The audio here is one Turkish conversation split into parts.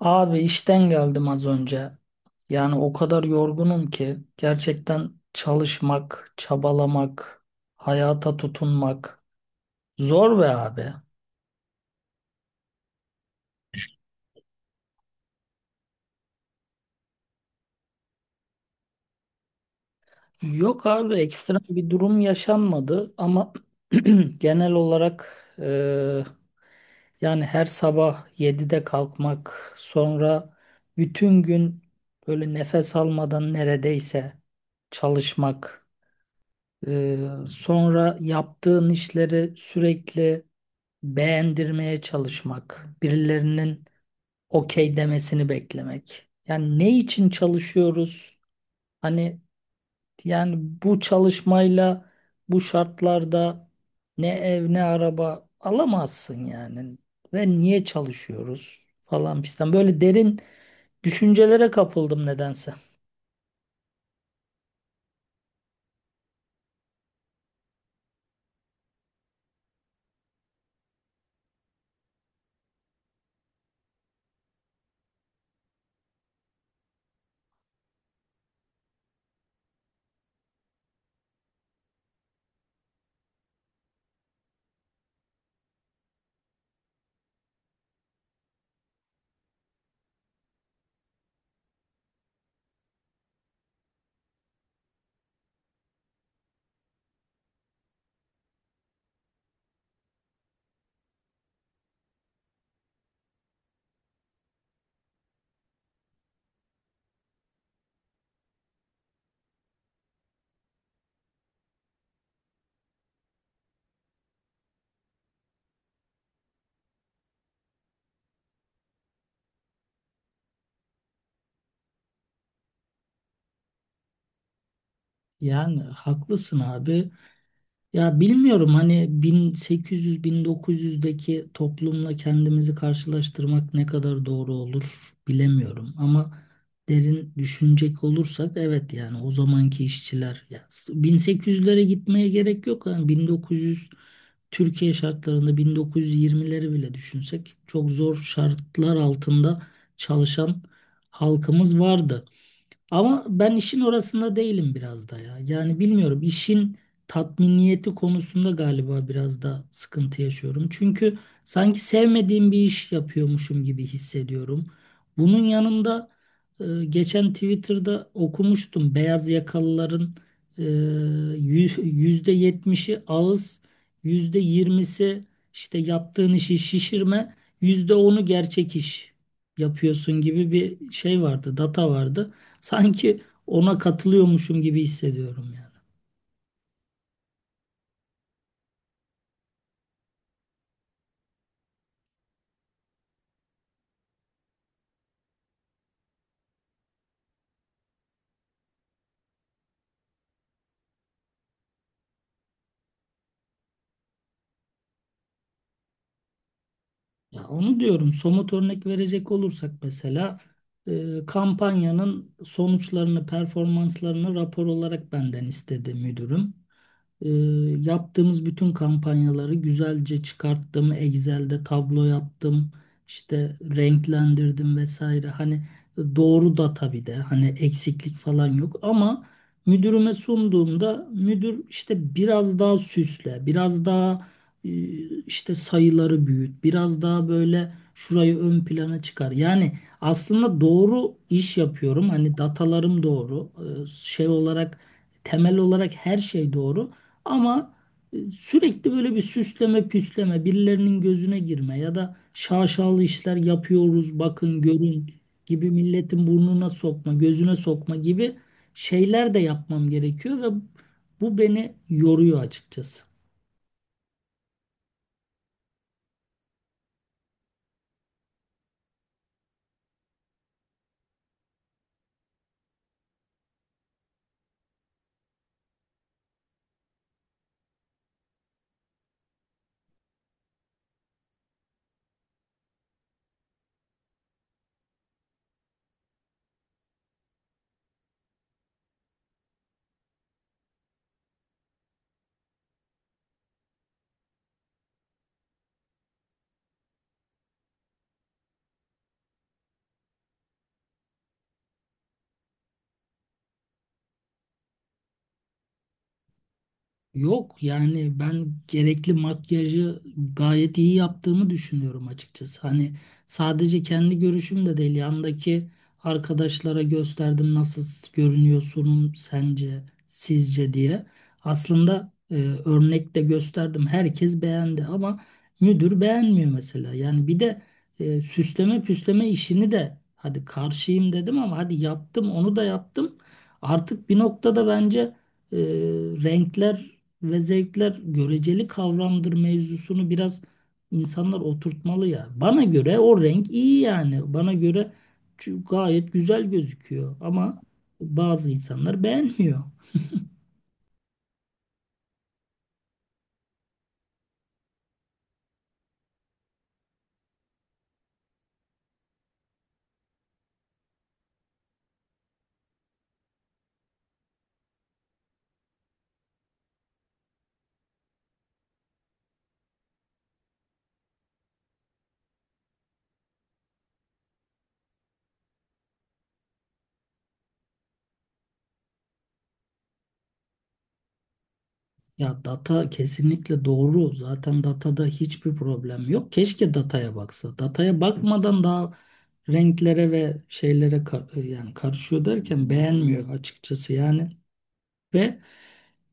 Abi işten geldim az önce. Yani o kadar yorgunum ki gerçekten çalışmak, çabalamak, hayata tutunmak zor be abi. Yok abi ekstra bir durum yaşanmadı ama genel olarak e, yani her sabah 7'de kalkmak, sonra bütün gün böyle nefes almadan neredeyse çalışmak. Sonra yaptığın işleri sürekli beğendirmeye çalışmak, birilerinin okey demesini beklemek. Yani ne için çalışıyoruz? Hani yani bu çalışmayla bu şartlarda ne ev ne araba alamazsın yani. Ve niye çalışıyoruz falan fistan. Böyle derin düşüncelere kapıldım nedense. Yani haklısın abi. Ya bilmiyorum hani 1800-1900'deki toplumla kendimizi karşılaştırmak ne kadar doğru olur bilemiyorum. Ama derin düşünecek olursak evet yani o zamanki işçiler ya 1800'lere gitmeye gerek yok. Yani 1900 Türkiye şartlarında 1920'leri bile düşünsek çok zor şartlar altında çalışan halkımız vardı. Ama ben işin orasında değilim biraz da ya. Yani bilmiyorum işin tatminiyeti konusunda galiba biraz da sıkıntı yaşıyorum. Çünkü sanki sevmediğim bir iş yapıyormuşum gibi hissediyorum. Bunun yanında geçen Twitter'da okumuştum beyaz yakalıların %70'i ağız, %20'si işte yaptığın işi şişirme, %10'u gerçek iş yapıyorsun gibi bir şey vardı, data vardı. Sanki ona katılıyormuşum gibi hissediyorum yani. Ya onu diyorum, somut örnek verecek olursak mesela kampanyanın sonuçlarını, performanslarını rapor olarak benden istedi müdürüm. E, Yaptığımız bütün kampanyaları güzelce çıkarttım. Excel'de tablo yaptım, işte renklendirdim vesaire. Hani doğru da tabii de hani eksiklik falan yok ama müdürüme sunduğumda müdür işte biraz daha süsle, biraz daha e, işte sayıları büyüt, biraz daha böyle şurayı ön plana çıkar. Yani aslında doğru iş yapıyorum. Hani datalarım doğru. Şey olarak, temel olarak her şey doğru. Ama sürekli böyle bir süsleme püsleme, birilerinin gözüne girme ya da şaşalı işler yapıyoruz, bakın görün gibi milletin burnuna sokma, gözüne sokma gibi şeyler de yapmam gerekiyor ve bu beni yoruyor açıkçası. Yok yani, ben gerekli makyajı gayet iyi yaptığımı düşünüyorum açıkçası. Hani sadece kendi görüşüm de değil, yandaki arkadaşlara gösterdim nasıl görünüyor sunum sence sizce diye. Aslında örnek de gösterdim, herkes beğendi ama müdür beğenmiyor mesela. Yani bir de süsleme püsleme işini de hadi karşıyım dedim ama hadi yaptım onu da yaptım. Artık bir noktada bence e, renkler ve zevkler göreceli kavramdır mevzusunu biraz insanlar oturtmalı ya. Bana göre o renk iyi yani. Bana göre gayet güzel gözüküyor ama bazı insanlar beğenmiyor. Ya data kesinlikle doğru. Zaten datada hiçbir problem yok. Keşke dataya baksa. Dataya bakmadan daha renklere ve şeylere yani karışıyor derken beğenmiyor açıkçası. Yani. Ve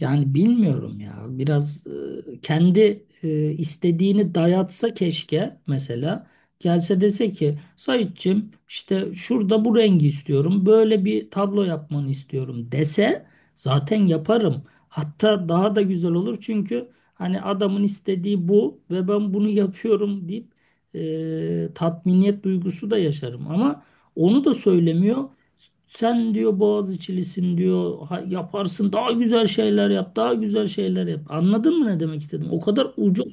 Yani bilmiyorum ya, biraz kendi istediğini dayatsa keşke mesela, gelse dese ki Saitçiğim işte şurada bu rengi istiyorum, böyle bir tablo yapmanı istiyorum dese zaten yaparım. Hatta daha da güzel olur çünkü hani adamın istediği bu ve ben bunu yapıyorum deyip tatminiyet duygusu da yaşarım ama onu da söylemiyor. Sen diyor Boğaziçi'lisin diyor. Yaparsın. Daha güzel şeyler yap. Daha güzel şeyler yap. Anladın mı ne demek istedim? O kadar ucu.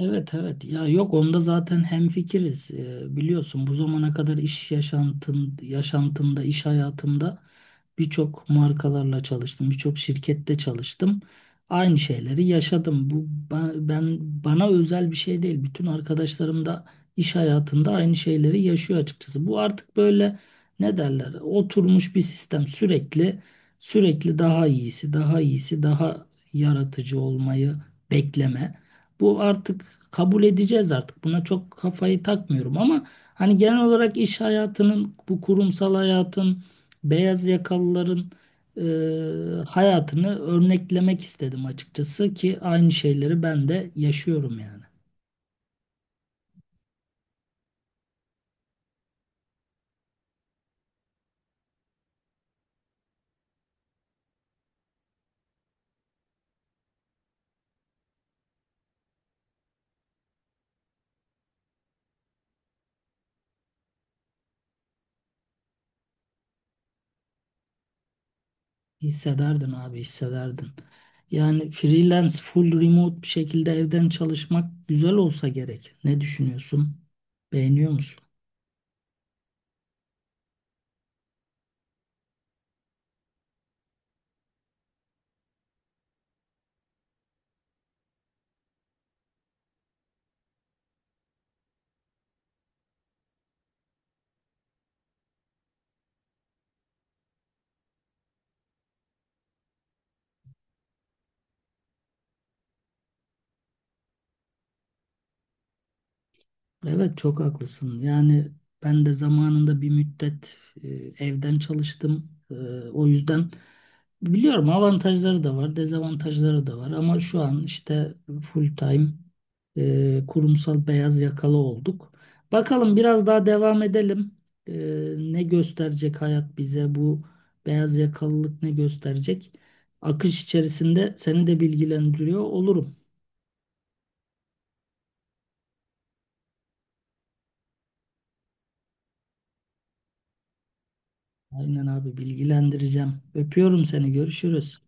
Evet, evet ya, yok, onda zaten hemfikiriz. Biliyorsun bu zamana kadar iş yaşantımda, iş hayatımda birçok markalarla çalıştım, birçok şirkette çalıştım, aynı şeyleri yaşadım. Bu ben, bana özel bir şey değil, bütün arkadaşlarım da iş hayatında aynı şeyleri yaşıyor açıkçası. Bu artık böyle, ne derler, oturmuş bir sistem, sürekli sürekli daha iyisi, daha iyisi, daha yaratıcı olmayı bekleme. Bu artık, kabul edeceğiz artık. Buna çok kafayı takmıyorum ama hani genel olarak iş hayatının, bu kurumsal hayatın, beyaz yakalıların hayatını örneklemek istedim açıkçası ki aynı şeyleri ben de yaşıyorum yani. Hissederdin abi, hissederdin. Yani freelance, full remote bir şekilde evden çalışmak güzel olsa gerek. Ne düşünüyorsun? Beğeniyor musun? Evet, çok haklısın. Yani ben de zamanında bir müddet evden çalıştım. O yüzden biliyorum, avantajları da var, dezavantajları da var. Ama şu an işte full time kurumsal beyaz yakalı olduk. Bakalım biraz daha devam edelim. E, Ne gösterecek hayat bize, bu beyaz yakalılık ne gösterecek? Akış içerisinde seni de bilgilendiriyor olurum. Aynen abi, bilgilendireceğim. Öpüyorum seni. Görüşürüz.